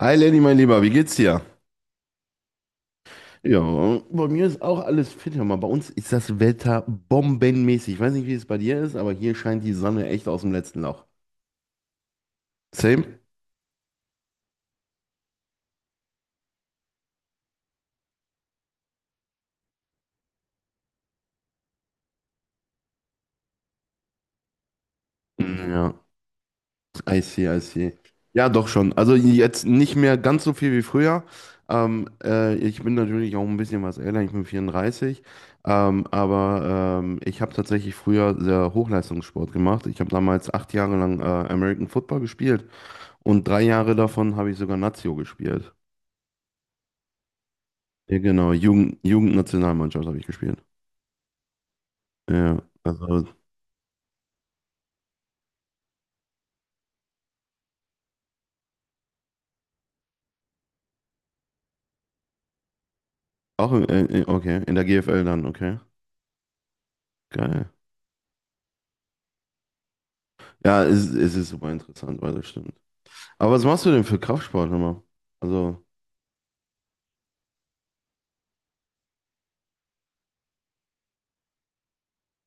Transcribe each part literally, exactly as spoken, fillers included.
Hi Lenny, mein Lieber, wie geht's dir? Ja, bei mir ist auch alles fit. Hör mal, bei uns ist das Wetter bombenmäßig. Ich weiß nicht, wie es bei dir ist, aber hier scheint die Sonne echt aus dem letzten Loch. Same? Ja, I see, I see. Ja, doch schon. Also jetzt nicht mehr ganz so viel wie früher. Ähm, äh, ich bin natürlich auch ein bisschen was älter, ich bin vierunddreißig. Ähm, aber ähm, ich habe tatsächlich früher sehr Hochleistungssport gemacht. Ich habe damals acht Jahre lang äh, American Football gespielt und drei Jahre davon habe ich sogar Nazio gespielt. Ja, genau, Jugend, Jugendnationalmannschaft habe ich gespielt. Ja, also auch in, äh, äh, okay, in der G F L dann, okay. Geil. Ja, es, es ist super interessant, weil das stimmt. Aber was machst du denn für Kraftsport immer? Also,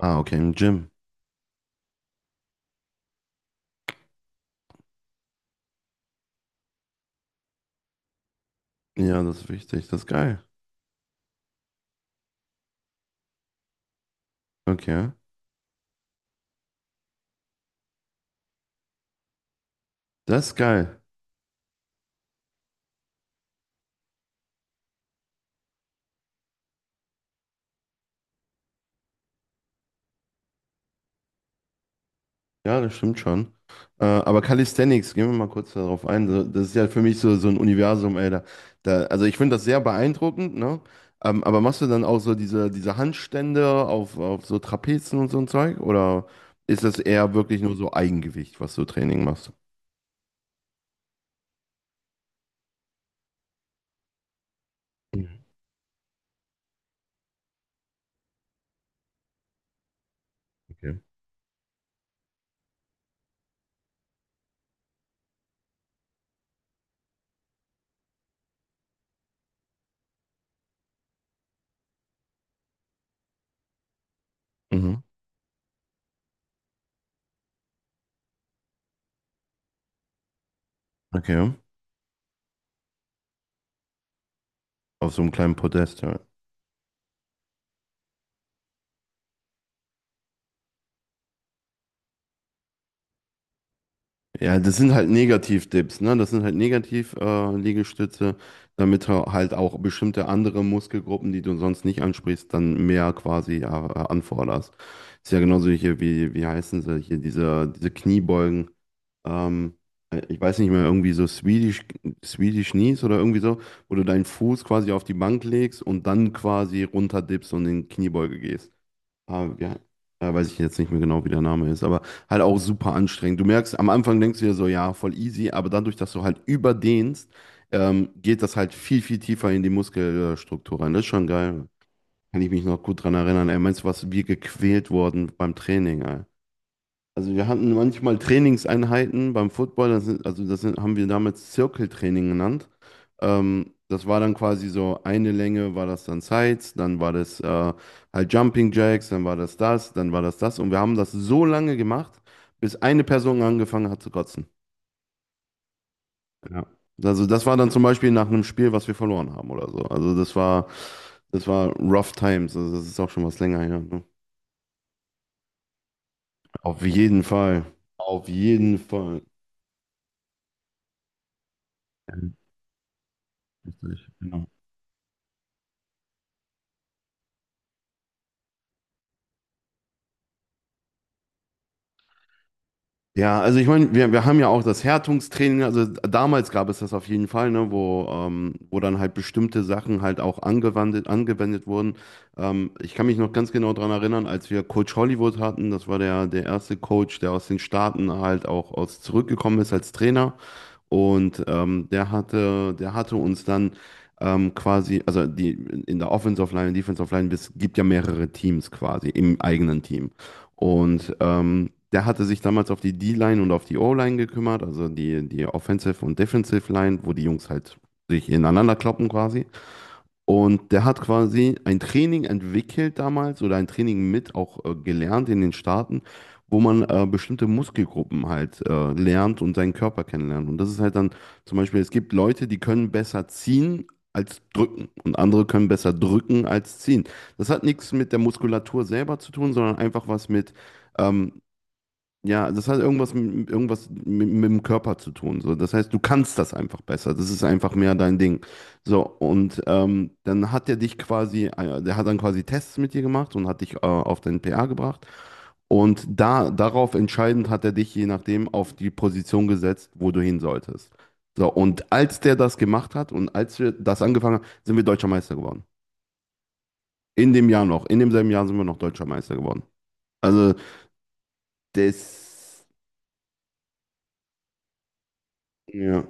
ah, okay, im Gym. Ja, das ist wichtig, das ist geil. Okay, das ist geil. Ja, das stimmt schon. Äh, aber Calisthenics, gehen wir mal kurz darauf ein. So, das ist ja für mich so, so ein Universum, ey. Da, da, also ich finde das sehr beeindruckend, ne? Ähm, aber machst du dann auch so diese, diese Handstände auf, auf so Trapezen und so ein Zeug? Oder ist das eher wirklich nur so Eigengewicht, was du Training machst? Mhm. Okay. Mhm. Okay. Auf so einem kleinen Podest, ja. Ja, das sind halt Negativ-Dips, ne? Das sind halt Negativ-Liegestütze, damit du halt auch bestimmte andere Muskelgruppen, die du sonst nicht ansprichst, dann mehr quasi ja, äh, anforderst. Ist ja genauso hier, wie, wie heißen sie hier, diese, diese Kniebeugen. Ähm, äh, Ich weiß nicht mehr, irgendwie so Swedish, Swedish Knees oder irgendwie so, wo du deinen Fuß quasi auf die Bank legst und dann quasi runterdippst und in Kniebeuge gehst. Ah, ja, äh, weiß ich jetzt nicht mehr genau, wie der Name ist, aber halt auch super anstrengend. Du merkst, am Anfang denkst du dir so, ja, voll easy, aber dadurch, dass du halt überdehnst, ähm, geht das halt viel, viel tiefer in die Muskelstruktur rein. Das ist schon geil. Kann ich mich noch gut dran erinnern. Ey, meinst du, was wir gequält wurden beim Training, ey? Also wir hatten manchmal Trainingseinheiten beim Football, das sind, also das sind, haben wir damals Zirkeltraining genannt. Ähm, das war dann quasi so eine Länge, war das dann Sides, dann war das äh, halt Jumping Jacks, dann war das das, dann war das das. Und wir haben das so lange gemacht, bis eine Person angefangen hat zu kotzen. Ja. Also das war dann zum Beispiel nach einem Spiel, was wir verloren haben oder so. Also das war, das war Rough Times. Also das ist auch schon was länger her. Ne? Auf jeden Fall. Auf jeden Fall. Ja, richtig, genau. Ja, also ich meine, wir, wir haben ja auch das Härtungstraining, also damals gab es das auf jeden Fall, ne, wo, ähm, wo dann halt bestimmte Sachen halt auch angewandt, angewendet wurden. Ähm, ich kann mich noch ganz genau daran erinnern, als wir Coach Hollywood hatten, das war der, der erste Coach, der aus den Staaten halt auch aus zurückgekommen ist als Trainer. Und ähm, der hatte, der hatte uns dann ähm, quasi, also die in der Offensive Line, Defensive Line, es gibt ja mehrere Teams quasi im eigenen Team. Und ähm, der hatte sich damals auf die D-Line und auf die O-Line gekümmert, also die, die Offensive und Defensive Line, wo die Jungs halt sich ineinander kloppen quasi. Und der hat quasi ein Training entwickelt damals oder ein Training mit auch äh, gelernt in den Staaten, wo man äh, bestimmte Muskelgruppen halt äh, lernt und seinen Körper kennenlernt. Und das ist halt dann zum Beispiel, es gibt Leute, die können besser ziehen als drücken und andere können besser drücken als ziehen. Das hat nichts mit der Muskulatur selber zu tun, sondern einfach was mit ähm, ja, das hat irgendwas, mit irgendwas mit, mit dem Körper zu tun. So. Das heißt, du kannst das einfach besser. Das ist einfach mehr dein Ding. So, und ähm, dann hat er dich quasi, äh, der hat dann quasi Tests mit dir gemacht und hat dich äh, auf deinen P A gebracht. Und da, darauf entscheidend hat er dich je nachdem auf die Position gesetzt, wo du hin solltest. So, und als der das gemacht hat und als wir das angefangen haben, sind wir Deutscher Meister geworden. In dem Jahr noch. In demselben Jahr sind wir noch Deutscher Meister geworden. Also, das. Ja.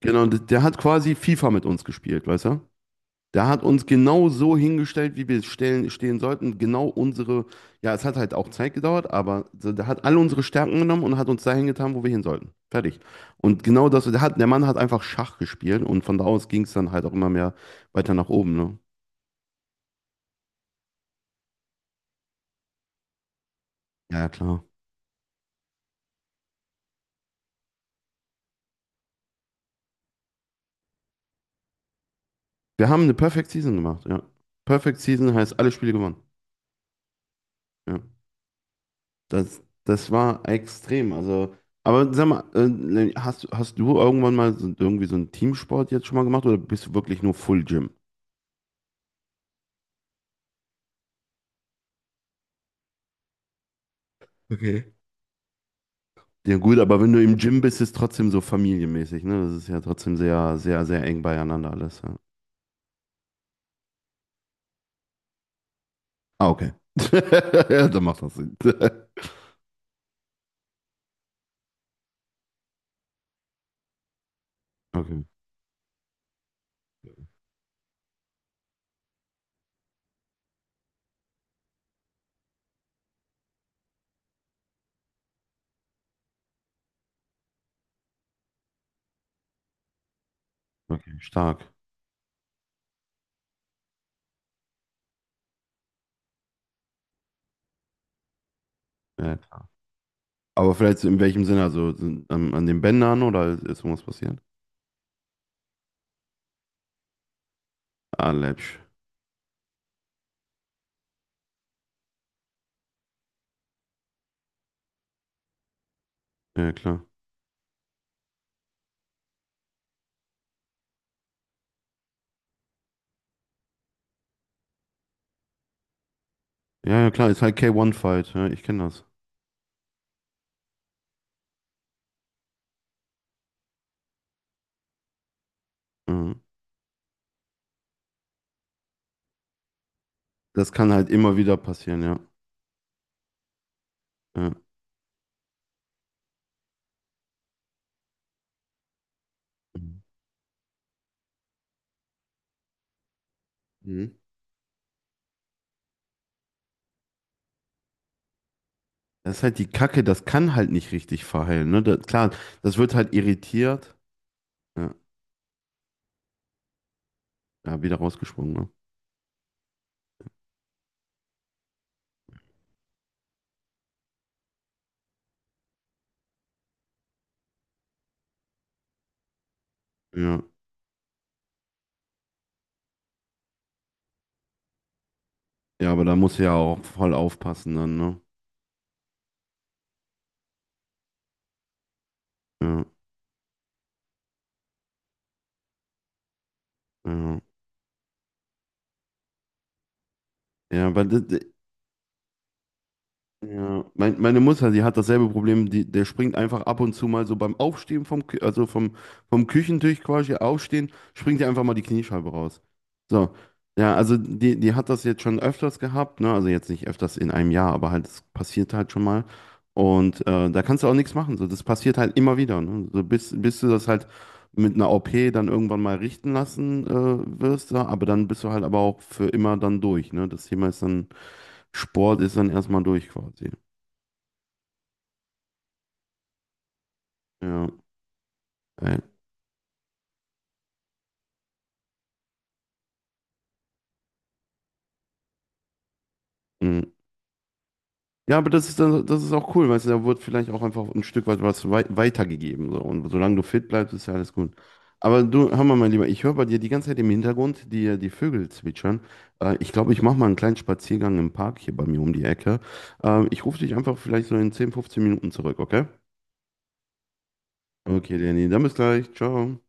Genau, und der hat quasi FIFA mit uns gespielt, weißt du? Der hat uns genau so hingestellt, wie wir stellen, stehen sollten. Genau unsere, ja, es hat halt auch Zeit gedauert, aber so, der hat alle unsere Stärken genommen und hat uns dahin getan, wo wir hin sollten. Fertig. Und genau das, der hat, der Mann hat einfach Schach gespielt und von da aus ging es dann halt auch immer mehr weiter nach oben, ne? Ja, ja, klar. Wir haben eine Perfect Season gemacht, ja. Perfect Season heißt alle Spiele gewonnen. Ja. Das, das war extrem. Also, aber sag mal, äh, ne, hast, hast du irgendwann mal so, irgendwie so einen Teamsport jetzt schon mal gemacht oder bist du wirklich nur Full Gym? Okay. Ja gut, aber wenn du im Gym bist, ist es trotzdem so familienmäßig, ne? Das ist ja trotzdem sehr, sehr, sehr eng beieinander alles. Ja. Ah, okay. Ja, dann macht das Sinn. Okay, okay, stark. Ja. Aber vielleicht so in welchem Sinne? Also sind, an, an den Bändern oder ist irgendwas passiert? Ah, läppsch. Ja, klar. Ja, ja, klar, ist halt K one Fight. Ja, ich kenne das. Ja. Das kann halt immer wieder passieren, ja. Ja. Mhm. Das ist halt die Kacke, das kann halt nicht richtig verheilen, ne? Da- klar, das wird halt irritiert. Ja, ja wieder rausgesprungen, ne? Ja. Ja, aber da muss ja auch voll aufpassen dann, ne? Ja, ja. Ja, weil das, ja, mein, meine Mutter, die hat dasselbe Problem, die, der springt einfach ab und zu mal so beim Aufstehen vom, Kü- also vom, vom Küchentisch quasi aufstehen, springt ihr einfach mal die Kniescheibe raus. So, ja, also die, die hat das jetzt schon öfters gehabt, ne? Also jetzt nicht öfters in einem Jahr, aber halt, es passiert halt schon mal. Und äh, da kannst du auch nichts machen. So, das passiert halt immer wieder, ne? So, bis, bis du das halt mit einer O P dann irgendwann mal richten lassen äh, wirst, ja, aber dann bist du halt aber auch für immer dann durch, ne? Das Thema ist dann. Sport ist dann erstmal durch quasi. Ja, ey, mhm. Ja, aber das ist dann, das ist auch cool, weißt du, da wird vielleicht auch einfach ein Stück weit was wei weitergegeben. So. Und solange du fit bleibst, ist ja alles gut. Aber du, hör mal, mein Lieber, ich höre bei dir die ganze Zeit im Hintergrund die, die Vögel zwitschern. Äh, ich glaube, ich mache mal einen kleinen Spaziergang im Park hier bei mir um die Ecke. Äh, ich rufe dich einfach vielleicht so in zehn, fünfzehn Minuten zurück, okay? Okay, Danny, dann bis gleich. Ciao.